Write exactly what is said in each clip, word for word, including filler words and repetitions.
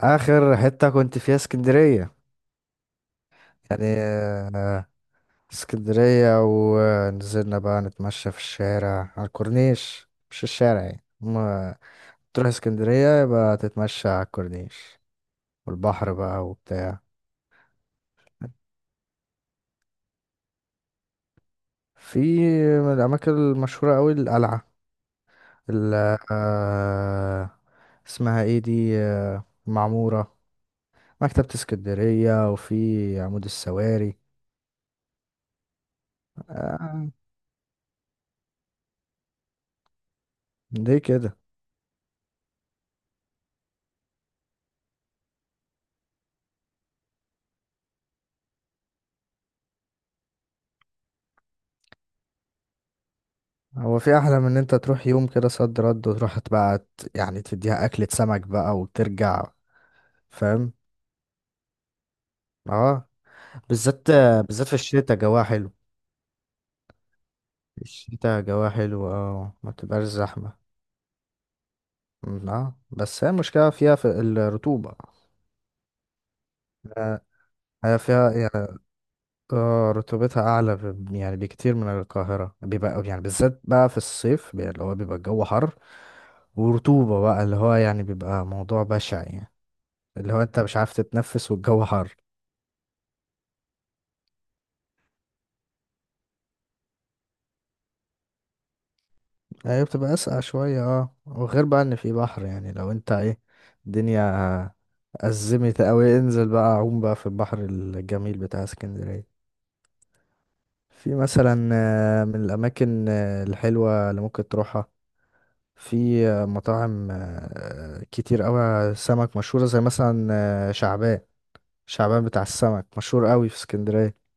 اخر حتة كنت فيها اسكندرية. يعني آه، اسكندرية، ونزلنا بقى نتمشى في الشارع على الكورنيش، مش الشارع يعني. ما تروح اسكندرية يبقى تتمشى على الكورنيش والبحر بقى وبتاع. في من الأماكن المشهورة أوي القلعة، ال آه، اسمها ايه دي، آه، معمورة، مكتبة اسكندرية، وفي عمود السواري. آه، دي كده. هو في احلى من ان انت تروح يوم كده صد رد، وتروح بقى ت- يعني تديها اكلة سمك بقى وترجع. فاهم. اه، بالذات بالذات في الشتاء جواها حلو. في الشتاء جواها حلو، اه ما بتبقاش زحمة. أمم، اه، بس هي المشكلة فيها في الرطوبة. آه، هي فيها يعني اه رطوبتها اعلى ب- يعني بكتير من القاهرة، بيبقى يعني بالذات بقى في الصيف، بي- اللي هو بيبقى الجو حر ورطوبة بقى، اللي هو يعني بيبقى موضوع بشع يعني، اللي هو انت مش عارف تتنفس والجو حر. هي بتبقى أسقع شوية، اه، وغير بقى ان في بحر. يعني لو انت ايه الدنيا أزمت أوي، انزل بقى عوم بقى في البحر الجميل بتاع اسكندرية. في مثلا آه، من الأماكن آه، الحلوة اللي ممكن تروحها، في آه، مطاعم آه، كتير أوي سمك مشهورة، زي مثلا آه، شعبان شعبان بتاع السمك مشهور أوي في اسكندرية.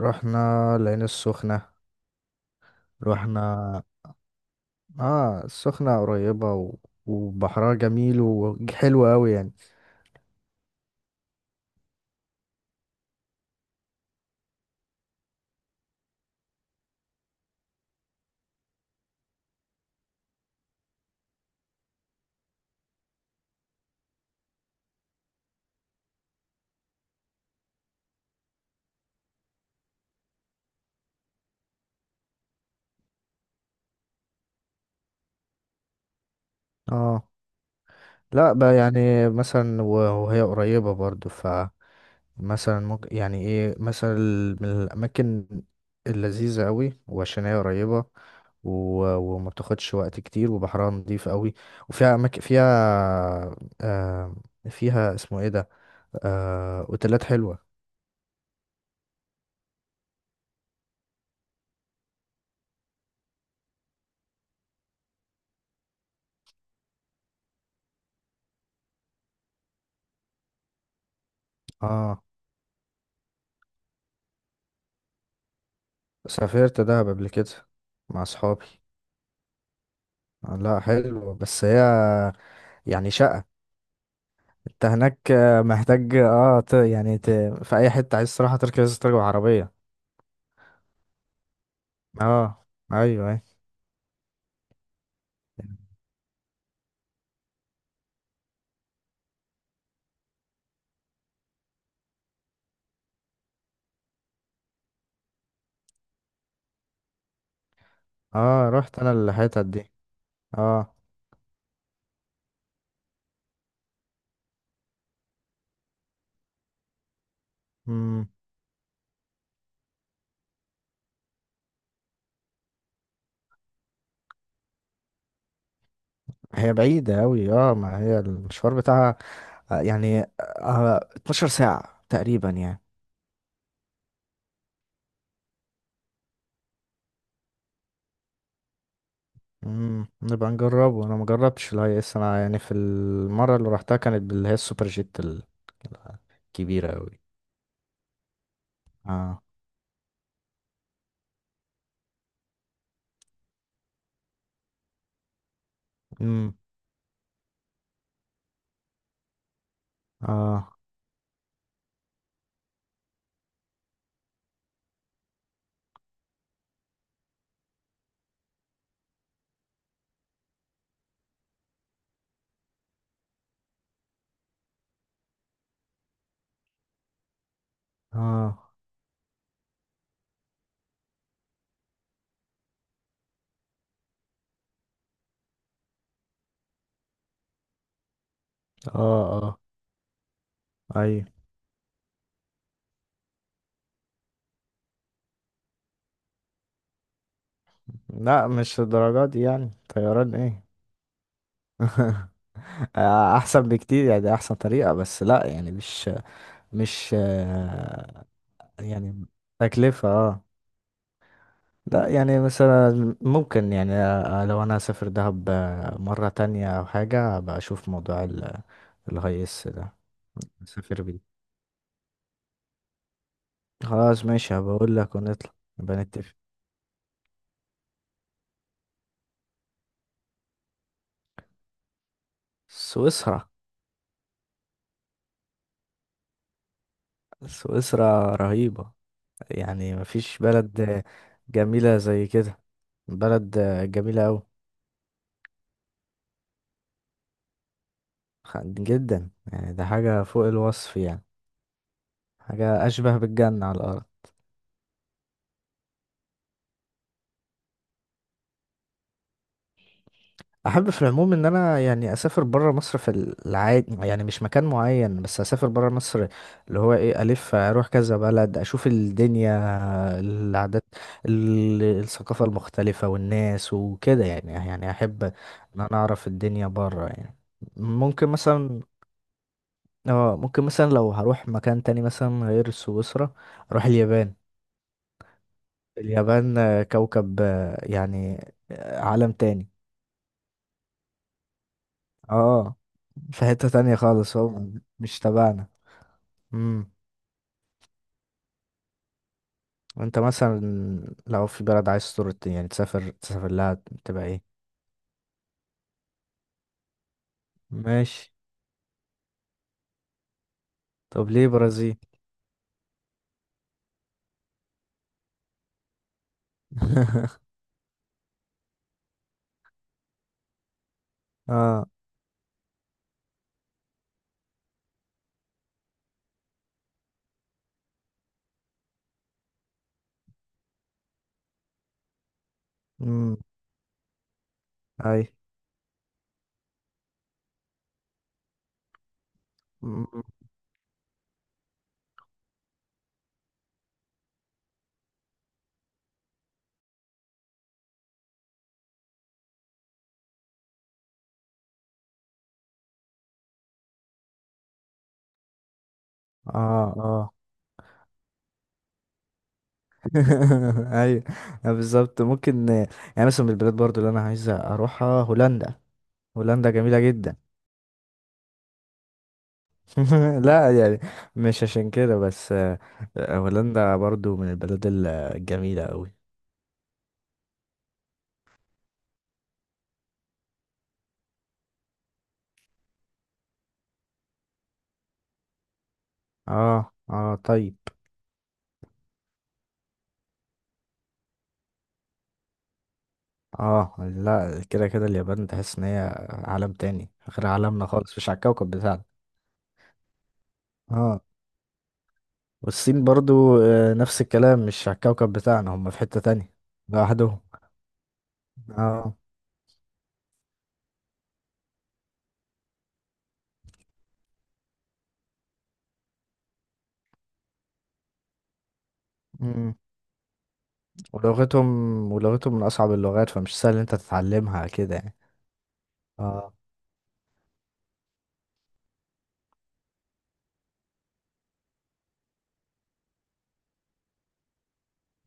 رحنا العين السخنة. رحنا اه السخنة قريبة، و... وبحرها جميل وحلو قوي يعني. اه، لا بقى يعني مثلا، و- وهي قريبة برضو، ف مثلا ممكن يعني ايه، مثلا من الاماكن اللذيذة قوي، وعشان هي قريبة و... وما بتاخدش وقت كتير، وبحرها نضيف قوي، وفيها اماكن فيها آه... فيها اسمه ايه ده، آه... اوتيلات حلوة. اه، سافرت دهب قبل كده مع اصحابي. لا، حلو، بس هي يعني شقة انت هناك، آه، محتاج اه ت... يعني ت... في اي حتة عايز تروح تركز تركب عربية. اه، ايوه، ايوه. اه، رحت انا الحتت دي. اه، امم هي بعيدة اوي. اه، ما هي المشوار بتاعها، آه، يعني آه اتناشر ساعة تقريبا يعني. امم نبقى نجربه. انا مجربتش الاي اس، انا يعني في المرة اللي روحتها كانت باللي هي السوبر جيت ال- الكبيرة اوي. اه، امم اه، اه، اه، اه، ايوه. لا، مش الدرجات دي، يعني طيران ايه. احسن بكتير، يعني احسن طريقة، بس لا يعني مش مش آه، يعني تكلفة اه. لا يعني مثلا ممكن يعني آه، لو انا اسافر دهب آه، مرة تانية او حاجة، ابقى اشوف موضوع ال- الهيس ده اسافر بيه. خلاص، ماشي، هبقول لك ونطلع، نبقى نتفق. سويسرا. سويسرا رهيبة، يعني مفيش بلد جميلة زي كده، بلد جميلة أوي. خ- جدا، يعني ده حاجة فوق الوصف يعني، حاجة أشبه بالجنة على الأرض. أحب في العموم إن أنا يعني أسافر برا مصر في العادي، يعني مش مكان معين، بس أسافر برا مصر، اللي هو إيه ألف أروح كذا بلد، أشوف الدنيا، العادات، ال- الثقافة المختلفة، والناس وكده يعني يعني أحب إن أنا أعرف الدنيا برا يعني. ممكن مثلا. اه ممكن مثلا لو هروح مكان تاني مثلا غير سويسرا، اروح اليابان. اليابان آه، كوكب، آه، يعني آه، عالم تاني. اه، آه، في حتة تانية خالص، هو م- مش تبعنا. امم وانت مثلا لو في بلد عايز تزور، يعني تسافر تسافر لها، تبقى ايه؟ ماشي. طب ليه برازيل؟ اه، امم اي، مم. اه، اه، ايوه، بالظبط، ممكن. آه، يعني مثلا من البلاد برضو اللي انا عايز اروحها هولندا. هولندا جميلة جدا. لا يعني مش عشان كده، بس آه، هولندا برضو من البلاد ال- الجميلة أوي. اه، اه، طيب. اه، لا، كده كده اليابان تحس ان هي عالم تاني غير عالمنا خالص، مش على الكوكب بتاعنا. اه، والصين برضو آه، نفس الكلام، مش على الكوكب بتاعنا، هم في حتة تانية لوحدهم. اه. مم. ولغتهم ولغتهم من أصعب اللغات، فمش سهل إن انت تتعلمها كده يعني. اه.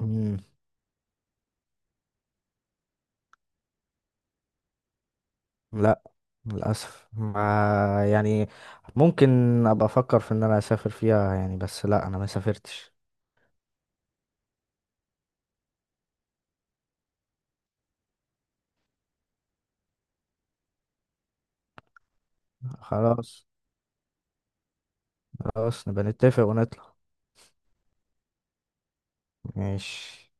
مم. لا، للأسف، ما يعني ممكن أبقى أفكر في إن أنا أسافر فيها يعني، بس لا، أنا ما سافرتش. خلاص، خلاص نبقى نتفق ونطلع. ماشي.